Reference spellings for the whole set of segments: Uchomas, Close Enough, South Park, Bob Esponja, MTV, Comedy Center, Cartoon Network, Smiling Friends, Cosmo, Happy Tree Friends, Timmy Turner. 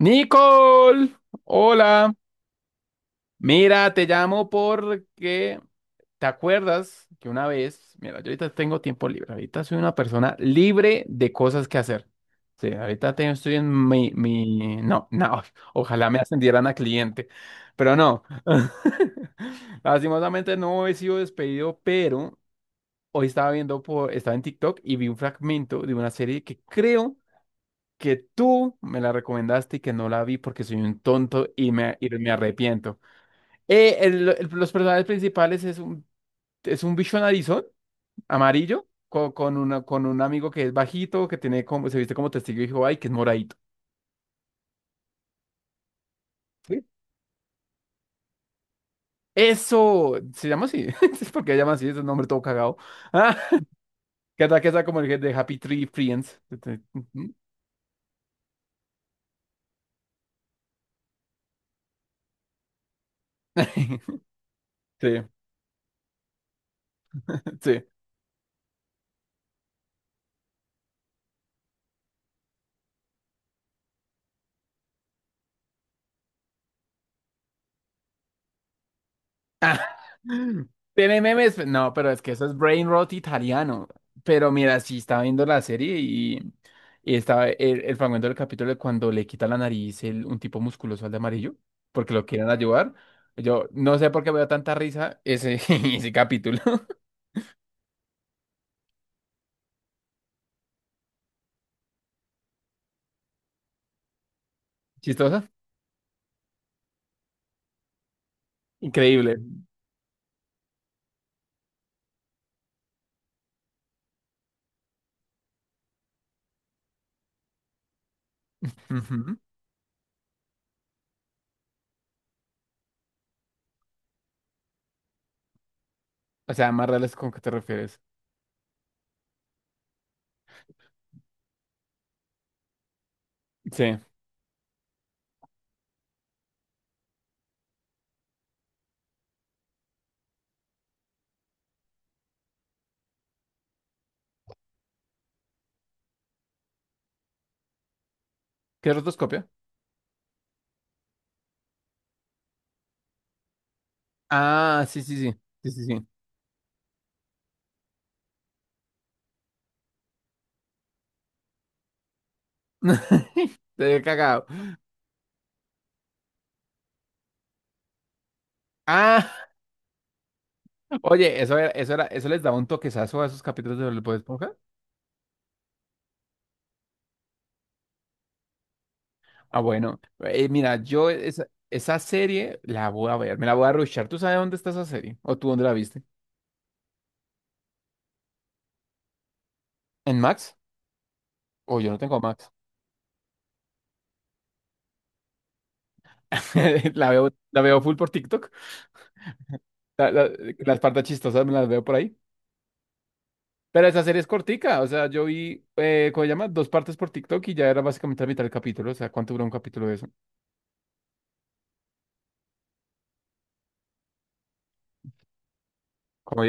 Nicole, hola. Mira, te llamo porque te acuerdas que una vez, mira, yo ahorita tengo tiempo libre, ahorita soy una persona libre de cosas que hacer. Sí, ahorita estoy en mi, no, no, ojalá me ascendieran a cliente, pero no. Lastimosamente no he sido despedido, pero hoy estaba en TikTok y vi un fragmento de una serie que creo que tú me la recomendaste y que no la vi porque soy un tonto y me arrepiento. Los personajes principales es un bicho narizón, amarillo, con un amigo que es bajito, se viste como testigo de Jehová y que es moradito. ¿Sí? Eso se llama así, es porque se llama así, es un nombre todo cagado. Ah, que está como el de Happy Tree Friends. Sí, sí. Ah, tiene memes, pe- no, pero es que eso es brain rot italiano. Pero mira, sí estaba viendo la serie, y estaba el fragmento del capítulo de cuando le quita la nariz un tipo musculoso al de amarillo, porque lo quieren ayudar. Yo no sé por qué me da tanta risa ese, ese capítulo. ¿Chistosa? Increíble. Ujú. O sea, más reales ¿con qué te refieres? Sí. ¿Qué es rotoscopia? Ah, sí, sí, sí. Sí, sí, sí. Te he cagado. Ah. Oye, eso era, eso les daba un toquezazo a esos capítulos de Bob Esponja. Ah, bueno. Mira, yo esa serie la voy a ver, me la voy a rushar. ¿Tú sabes dónde está esa serie? ¿O tú dónde la viste? ¿En Max? O yo no tengo Max. La veo full por TikTok. La- la- las partes chistosas me las veo por ahí. Pero esa serie es cortica. O sea, yo vi, ¿cómo se llama? Dos partes por TikTok y ya era básicamente la mitad del capítulo. O sea, ¿cuánto duró un capítulo de eso? Como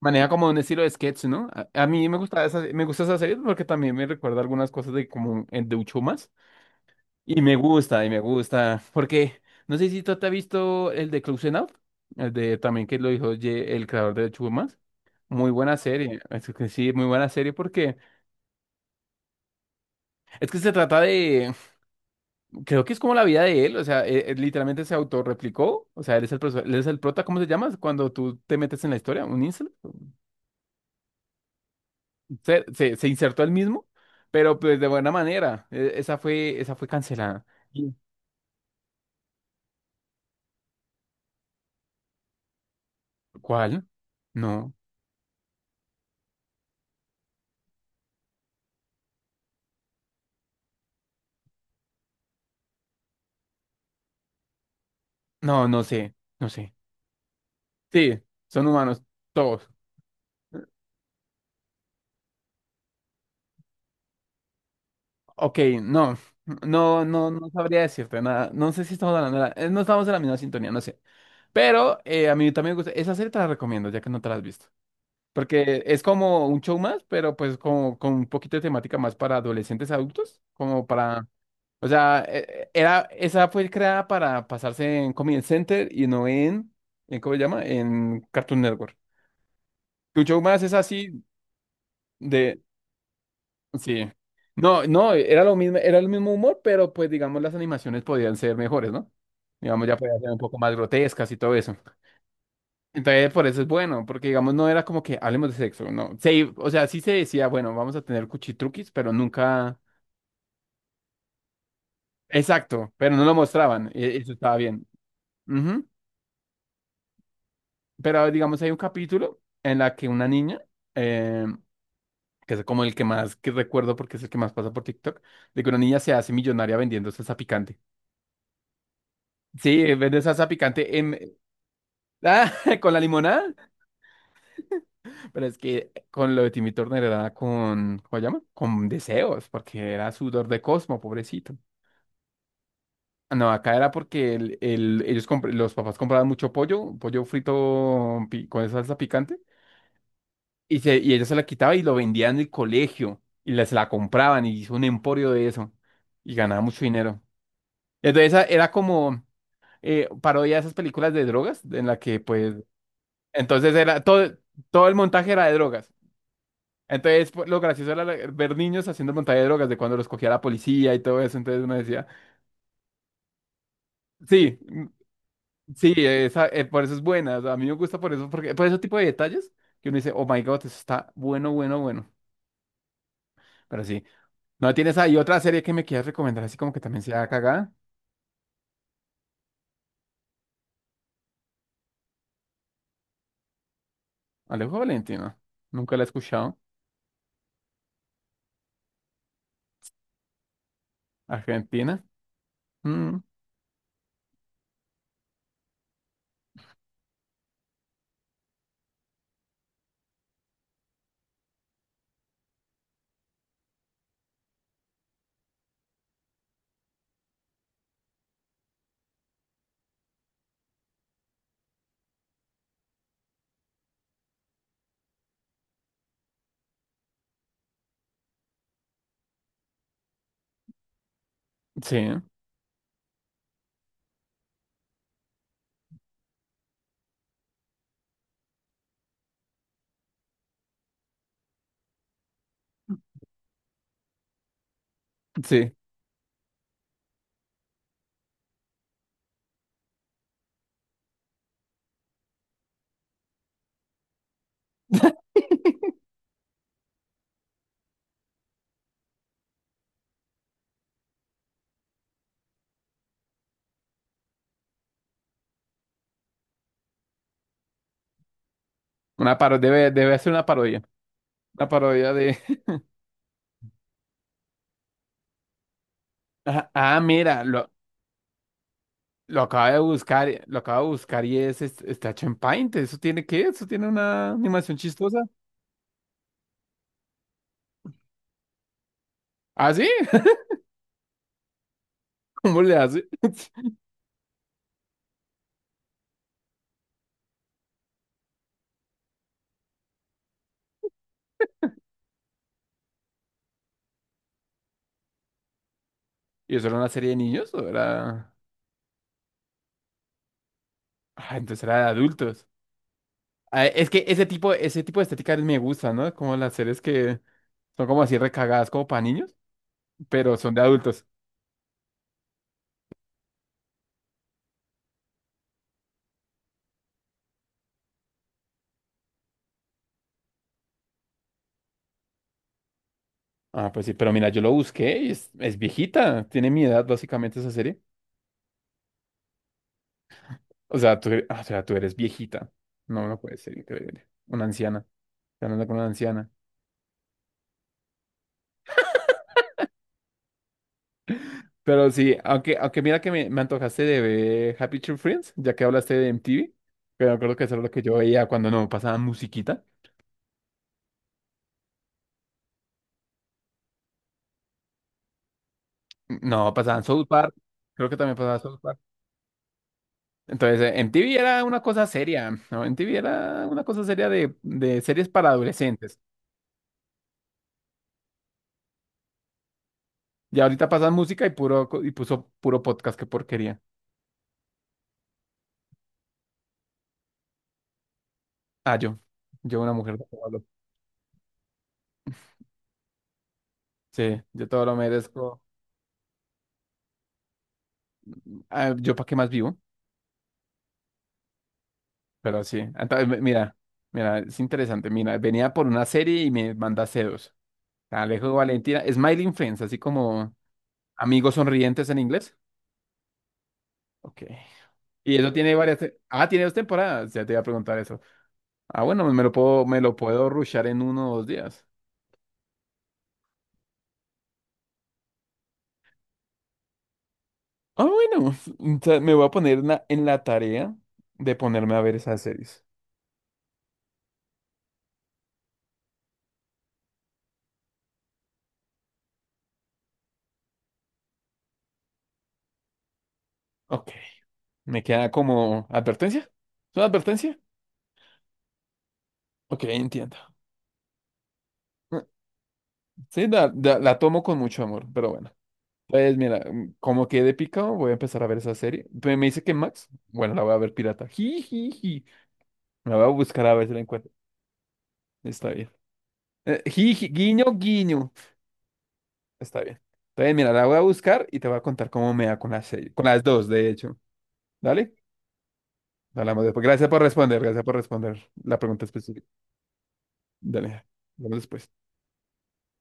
maneja como un estilo de sketch, ¿no? A mí me gusta me gusta esa serie porque también me recuerda algunas cosas de como el de Uchomas. Y me gusta, y me gusta. Porque no sé si tú te has visto el de Close Enough, el de también que lo dijo el creador de Uchomas. Muy buena serie. Es que sí, muy buena serie porque es que se trata de. Creo que es como la vida de él. O sea, él literalmente se autorreplicó. O sea, él es él es el prota, ¿cómo se llama? Cuando tú te metes en la historia, un incel. Se insertó él mismo, pero pues de buena manera. Esa fue cancelada. Sí. ¿Cuál? No, no, no sé, no sé. Sí, son humanos, todos. Ok, no, no, no, no sabría decirte nada. No sé si estamos hablando de no estamos en la misma sintonía, no sé. Pero a mí también me gusta. Esa serie te la recomiendo, ya que no te la has visto. Porque es como un show más, pero pues como con un poquito de temática más para adolescentes adultos, como para o sea, era, esa fue creada para pasarse en Comedy Center y no en ¿cómo se llama? En Cartoon Network. Tu show más es así de, sí. No, no, era lo mismo, era el mismo humor, pero pues digamos las animaciones podían ser mejores, ¿no? Digamos, ya podían ser un poco más grotescas y todo eso. Entonces, por eso es bueno, porque digamos, no era como que hablemos de sexo, no. Sí, o sea, sí se decía, bueno, vamos a tener cuchitruquis, pero nunca, exacto, pero no lo mostraban, eso estaba bien. Ujú. Pero digamos, hay un capítulo en la que una niña, eh, que es como el que más que recuerdo porque es el que más pasa por TikTok, de que una niña se hace millonaria vendiendo salsa picante. Sí, vende salsa picante en, ah, con la limonada, pero es que con lo de Timmy Turner era con, ¿cómo se llama? Con deseos, porque era sudor de Cosmo, pobrecito. Ah, no, acá era porque ellos los papás compraban mucho pollo, pollo frito con salsa picante. Y ella se la quitaba y lo vendía en el colegio y les la compraban y hizo un emporio de eso y ganaba mucho dinero. Entonces esa era como parodia de esas películas de drogas en la que pues entonces era todo, todo el montaje era de drogas. Entonces pues, lo gracioso era ver niños haciendo el montaje de drogas de cuando los cogía la policía y todo eso. Entonces uno decía, sí, mm, sí, esa, por eso es buena. O sea, a mí me gusta por eso, porque por ese tipo de detalles que uno dice, oh my God, eso está bueno, bueno, bueno. Pero sí. ¿No tienes ahí otra serie que me quieras recomendar así como que también sea cagada? Alejo Valentino. Nunca la he escuchado. Argentina. Mm, sí, sí. Una paro debe, debe ser una parodia. Una parodia de… Mira, lo acabo de buscar, lo acabo de buscar y es, está hecho en Paint. ¿Eso tiene qué? ¿Eso tiene una animación chistosa? ¿Ah, sí? ¿Cómo le hace? ¿Y eso era una serie de niños o era...? Ah, entonces era de adultos. Ah, es que ese tipo de estética me gusta, ¿no? Como las series que… Son como así recagadas como para niños, pero son de adultos. Ah, pues sí, pero mira, yo lo busqué y es viejita. Tiene mi edad básicamente esa serie. O sea, tú, ah, o sea, tú eres viejita. No, no puede ser increíble. Una anciana. Está hablando con una anciana. Pero sí, aunque mira que me antojaste de ver Happy Tree Friends, ya que hablaste de MTV. Pero creo que eso era lo que yo veía cuando no pasaban musiquita. No, pasaban South Park. Creo que también pasaban South Park. Entonces, MTV era una cosa seria, ¿no? MTV era una cosa seria de series para adolescentes. Y ahorita pasan música y puro co- y puso puro podcast, qué porquería. Ah, yo una mujer de sí, yo todo lo merezco. Ah, yo para qué más vivo, pero sí. Entonces, mira, es interesante. Mira, venía por una serie y me manda C2. Alejo Valentina, Smiling Friends, así como amigos sonrientes en inglés. Ok. Y eso tiene varias. Ah, tiene 2 temporadas. Ya te iba a preguntar eso. Ah, bueno, me lo puedo rushar en 1 o 2 días. Ah, bueno, entonces me voy a poner en la tarea de ponerme a ver esas series. Ok, me queda como advertencia. ¿Es una advertencia? Ok, entiendo. Sí, la tomo con mucho amor, pero bueno. Pues mira, mm, como quedé picado, voy a empezar a ver esa serie. Me dice que Max, bueno, la voy a ver pirata. Ji, ji, ji. Me la voy a buscar a ver si la encuentro. Está bien. Ji, ji, guiño, guiño. Está bien. Entonces, mira, la voy a buscar y te voy a contar cómo me va con con las 2, de hecho. ¿Dale? Hablamos después. Gracias por responder la pregunta específica. Dale, hablamos después.